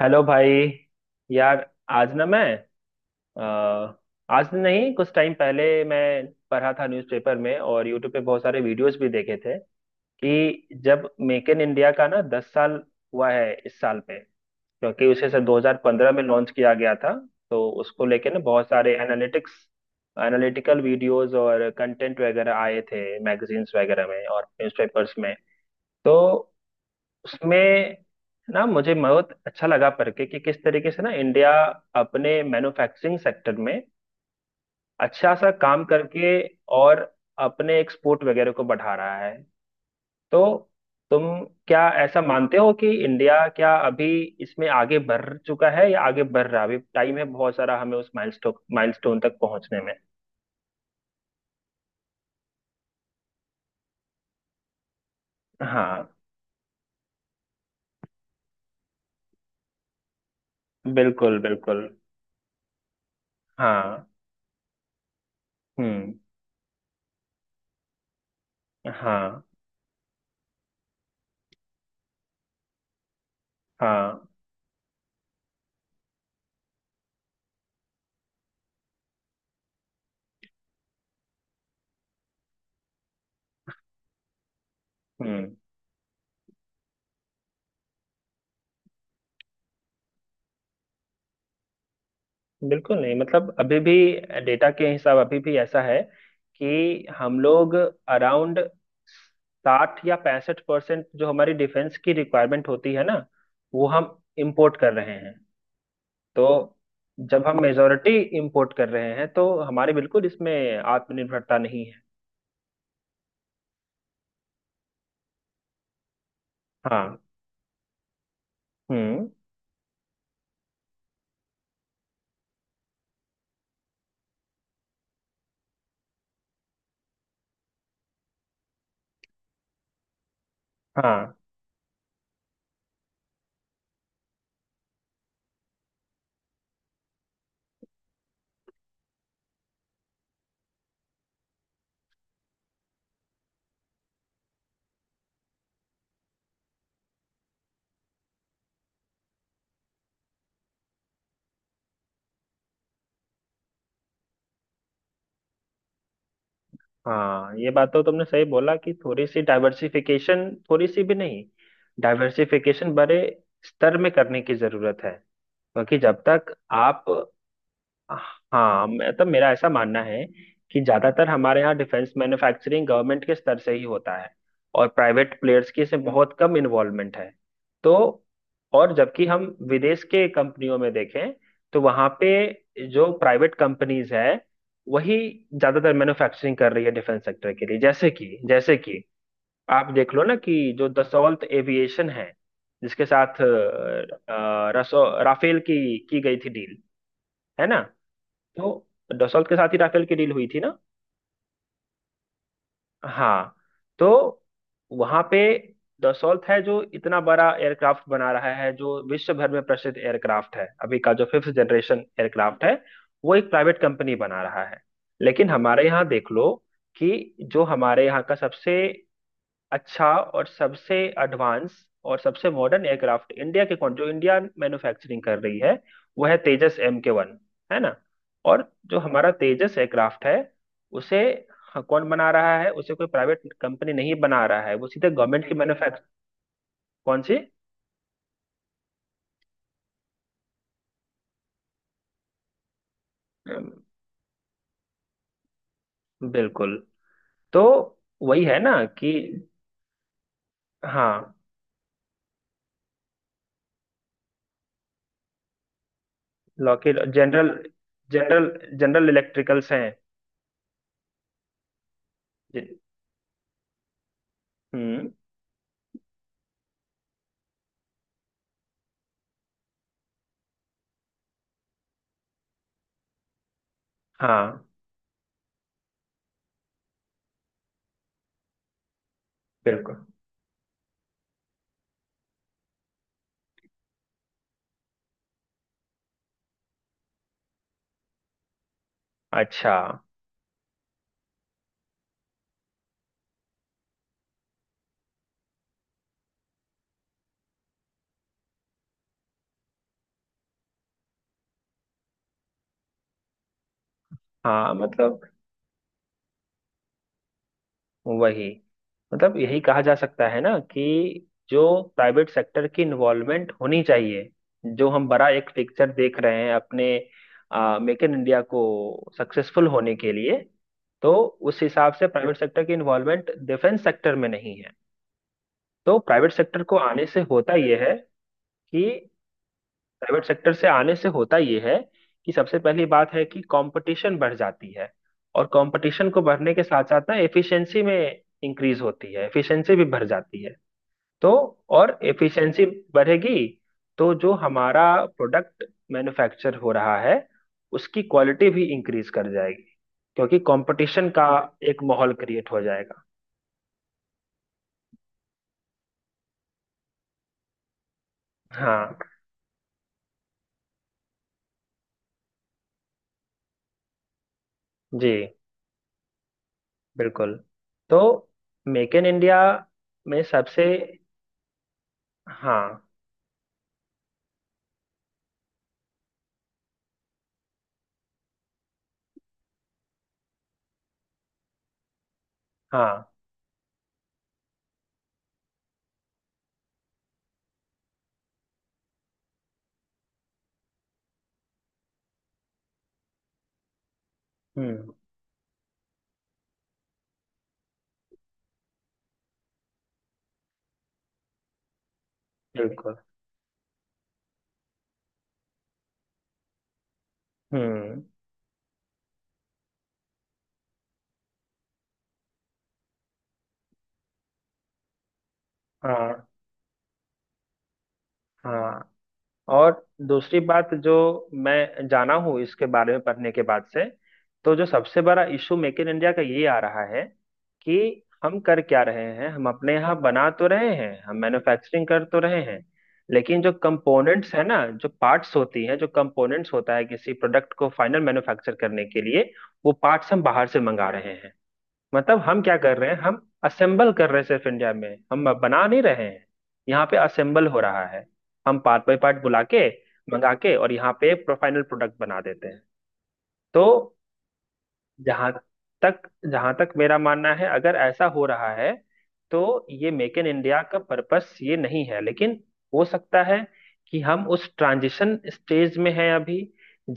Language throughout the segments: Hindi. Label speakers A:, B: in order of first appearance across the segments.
A: हेलो भाई। यार, आज ना मैं, अ, आज नहीं कुछ टाइम पहले मैं पढ़ा था न्यूज़पेपर में और यूट्यूब पे बहुत सारे वीडियोस भी देखे थे कि जब मेक इन इंडिया का ना 10 साल हुआ है इस साल में। क्योंकि उसे सर 2015 में लॉन्च किया गया था। तो उसको लेके ना बहुत सारे एनालिटिक्स एनालिटिकल वीडियोस और कंटेंट वगैरह आए थे मैगजीन्स वगैरह में और न्यूज़पेपर्स में। तो उसमें ना मुझे बहुत अच्छा लगा करके कि किस तरीके से ना इंडिया अपने मैन्युफैक्चरिंग सेक्टर में अच्छा सा काम करके और अपने एक्सपोर्ट वगैरह को बढ़ा रहा है। तो तुम क्या ऐसा मानते हो कि इंडिया क्या अभी इसमें आगे बढ़ चुका है या आगे बढ़ रहा है? अभी टाइम है बहुत सारा हमें उस माइलस्टोन माइलस्टोन तक पहुंचने में। हाँ बिल्कुल बिल्कुल। हाँ। हम्म। हाँ। हाँ। हम्म। बिल्कुल नहीं, मतलब अभी भी डेटा के हिसाब अभी भी ऐसा है कि हम लोग अराउंड 60 या 65% जो हमारी डिफेंस की रिक्वायरमेंट होती है ना, वो हम इंपोर्ट कर रहे हैं। तो जब हम मेजोरिटी इंपोर्ट कर रहे हैं तो हमारे बिल्कुल इसमें आत्मनिर्भरता नहीं है। हाँ। हम्म। हाँ। हाँ। ये बात तो तुमने सही बोला कि थोड़ी सी डाइवर्सिफिकेशन, थोड़ी सी भी नहीं, डाइवर्सिफिकेशन बड़े स्तर में करने की जरूरत है, क्योंकि जब तक आप। हाँ मैं, तो मेरा ऐसा मानना है कि ज्यादातर हमारे यहाँ डिफेंस मैन्युफैक्चरिंग गवर्नमेंट के स्तर से ही होता है और प्राइवेट प्लेयर्स की इसमें बहुत कम इन्वॉल्वमेंट है। तो और जबकि हम विदेश के कंपनियों में देखें तो वहां पे जो प्राइवेट कंपनीज है, वही ज्यादातर मैन्युफैक्चरिंग कर रही है डिफेंस सेक्टर के लिए। जैसे कि आप देख लो ना कि जो दसौल्त एविएशन है जिसके साथ रसो राफेल की गई थी डील। है ना? तो दसौल्त के साथ ही राफेल की डील हुई थी ना। हाँ। तो वहां पे दसौल्त है जो इतना बड़ा एयरक्राफ्ट बना रहा है, जो विश्व भर में प्रसिद्ध एयरक्राफ्ट है, अभी का जो फिफ्थ जनरेशन एयरक्राफ्ट है वो एक प्राइवेट कंपनी बना रहा है। लेकिन हमारे यहाँ देख लो कि जो हमारे यहाँ का सबसे अच्छा और सबसे एडवांस और सबसे मॉडर्न एयरक्राफ्ट इंडिया के कौन जो इंडिया मैन्युफैक्चरिंग कर रही है वो है तेजस MK1। है ना? और जो हमारा तेजस एयरक्राफ्ट है उसे कौन बना रहा है? उसे कोई प्राइवेट कंपनी नहीं बना रहा है, वो सीधे गवर्नमेंट की मैन्युफैक्चर। कौन सी? अम, बिल्कुल। तो वही है ना कि हाँ, लॉकheed जनरल, जनरल इलेक्ट्रिकल्स हैं। जिन- हम्म। हाँ। बिल्कुल। अच्छा। हाँ मतलब वही, मतलब यही कहा जा सकता है ना कि जो प्राइवेट सेक्टर की इन्वॉल्वमेंट होनी चाहिए, जो हम बड़ा एक पिक्चर देख रहे हैं अपने मेक इन इंडिया को सक्सेसफुल होने के लिए, तो उस हिसाब से प्राइवेट सेक्टर की इन्वॉल्वमेंट डिफेंस सेक्टर में नहीं है। तो प्राइवेट सेक्टर को आने से होता यह है कि प्राइवेट सेक्टर से आने से होता ये है कि सबसे पहली बात है कि कंपटीशन बढ़ जाती है, और कंपटीशन को बढ़ने के साथ साथ ना एफिशिएंसी में इंक्रीज होती है, एफिशिएंसी भी बढ़ जाती है। तो और एफिशिएंसी बढ़ेगी तो जो हमारा प्रोडक्ट मैन्युफैक्चर हो रहा है उसकी क्वालिटी भी इंक्रीज कर जाएगी क्योंकि कंपटीशन का एक माहौल क्रिएट हो जाएगा। हाँ। जी बिल्कुल। तो मेक इन इंडिया में सबसे। हाँ। हाँ। हम्म। बिल्कुल। हम्म। हाँ। हाँ। और दूसरी बात जो मैं जाना हूँ इसके बारे में पढ़ने के बाद से, तो जो सबसे बड़ा इशू मेक इन इंडिया का ये आ रहा है कि हम कर क्या रहे हैं? हम अपने यहाँ बना तो रहे हैं, हम मैन्युफैक्चरिंग कर तो रहे हैं, लेकिन जो कंपोनेंट्स है ना, जो पार्ट्स होती हैं, जो कंपोनेंट्स होता है किसी प्रोडक्ट को फाइनल मैन्युफैक्चर करने के लिए, वो पार्ट्स हम बाहर से मंगा रहे हैं। मतलब हम क्या कर रहे हैं? हम असेंबल कर रहे हैं सिर्फ, इंडिया में हम बना नहीं रहे हैं। यहाँ पे असेंबल हो रहा है, हम पार्ट बाय पार्ट बुला के मंगा के और यहाँ पे फाइनल प्रोडक्ट बना देते हैं। तो जहां तक जहां तक मेरा मानना है, अगर ऐसा हो रहा है तो ये मेक इन इंडिया का पर्पस ये नहीं है, लेकिन हो सकता है कि हम उस ट्रांजिशन स्टेज में हैं अभी,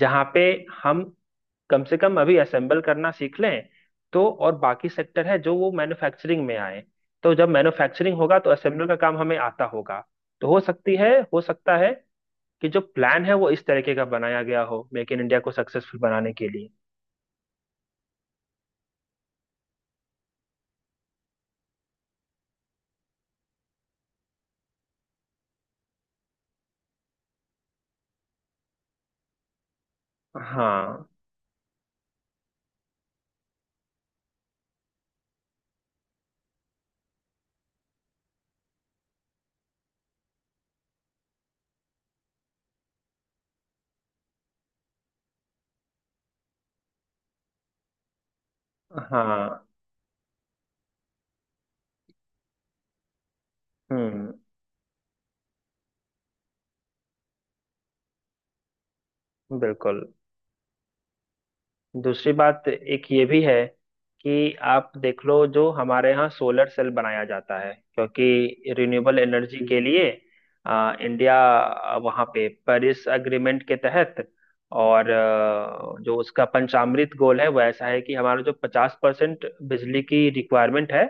A: जहां पे हम कम से कम अभी असेंबल करना सीख लें, तो और बाकी सेक्टर है जो वो मैन्युफैक्चरिंग में आए तो जब मैन्युफैक्चरिंग होगा तो असेंबल का काम हमें आता होगा। तो हो सकता है कि जो प्लान है वो इस तरीके का बनाया गया हो मेक इन इंडिया को सक्सेसफुल बनाने के लिए। हाँ। हाँ। हम्म। बिल्कुल। दूसरी बात एक ये भी है कि आप देख लो जो हमारे यहाँ सोलर सेल बनाया जाता है, क्योंकि रिन्यूएबल एनर्जी के लिए इंडिया वहाँ पे पेरिस अग्रीमेंट के तहत, और जो उसका पंचामृत गोल है वो ऐसा है कि हमारा जो 50% बिजली की रिक्वायरमेंट है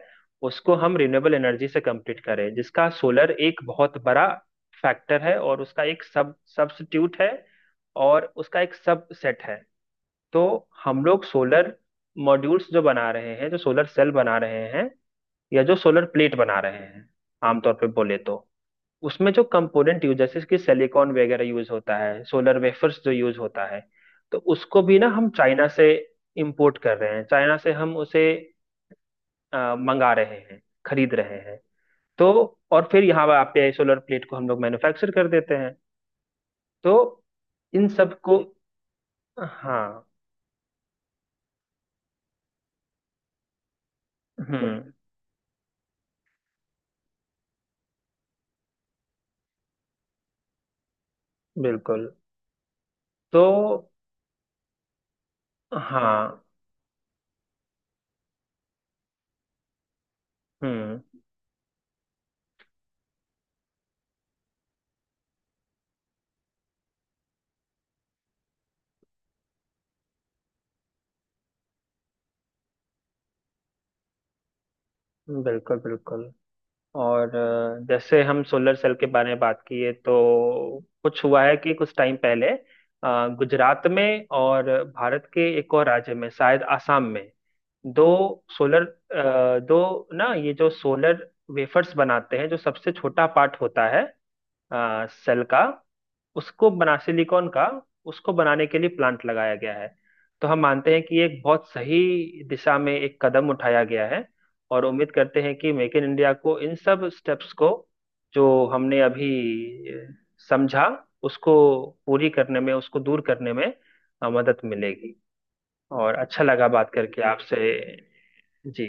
A: उसको हम रिन्यूएबल एनर्जी से कंप्लीट करें, जिसका सोलर एक बहुत बड़ा फैक्टर है और उसका एक सब सब्स्टिट्यूट है और उसका एक सब सेट है। तो हम लोग सोलर मॉड्यूल्स जो बना रहे हैं, जो सोलर सेल बना रहे हैं या जो सोलर प्लेट बना रहे हैं आमतौर पे बोले तो, उसमें जो कंपोनेंट यूज जैसे कि सिलिकॉन वगैरह यूज होता है, सोलर वेफर्स जो यूज होता है, तो उसको भी ना हम चाइना से इंपोर्ट कर रहे हैं, चाइना से हम उसे मंगा रहे हैं, खरीद रहे हैं। तो और फिर यहाँ आप पे सोलर प्लेट को हम लोग मैन्युफैक्चर कर देते हैं। तो इन सब को। हाँ। हम्म। बिल्कुल। तो हाँ। हम्म। बिल्कुल बिल्कुल। और जैसे हम सोलर सेल के बारे में बात किए तो कुछ हुआ है कि कुछ टाइम पहले गुजरात में और भारत के एक और राज्य में शायद आसाम में दो सोलर, दो ना ये जो सोलर वेफर्स बनाते हैं जो सबसे छोटा पार्ट होता है सेल का, उसको बना सिलिकॉन का, उसको बनाने के लिए प्लांट लगाया गया है। तो हम मानते हैं कि ये एक बहुत सही दिशा में एक कदम उठाया गया है, और उम्मीद करते हैं कि मेक इन इंडिया को इन सब स्टेप्स को जो हमने अभी अ, समझा उसको पूरी करने में, उसको दूर करने में मदद मिलेगी। और अच्छा लगा बात करके आपसे। जी।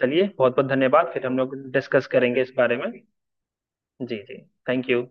A: चलिए बहुत बहुत धन्यवाद, फिर हम लोग डिस्कस करेंगे इस बारे में। जी जी। Thank you.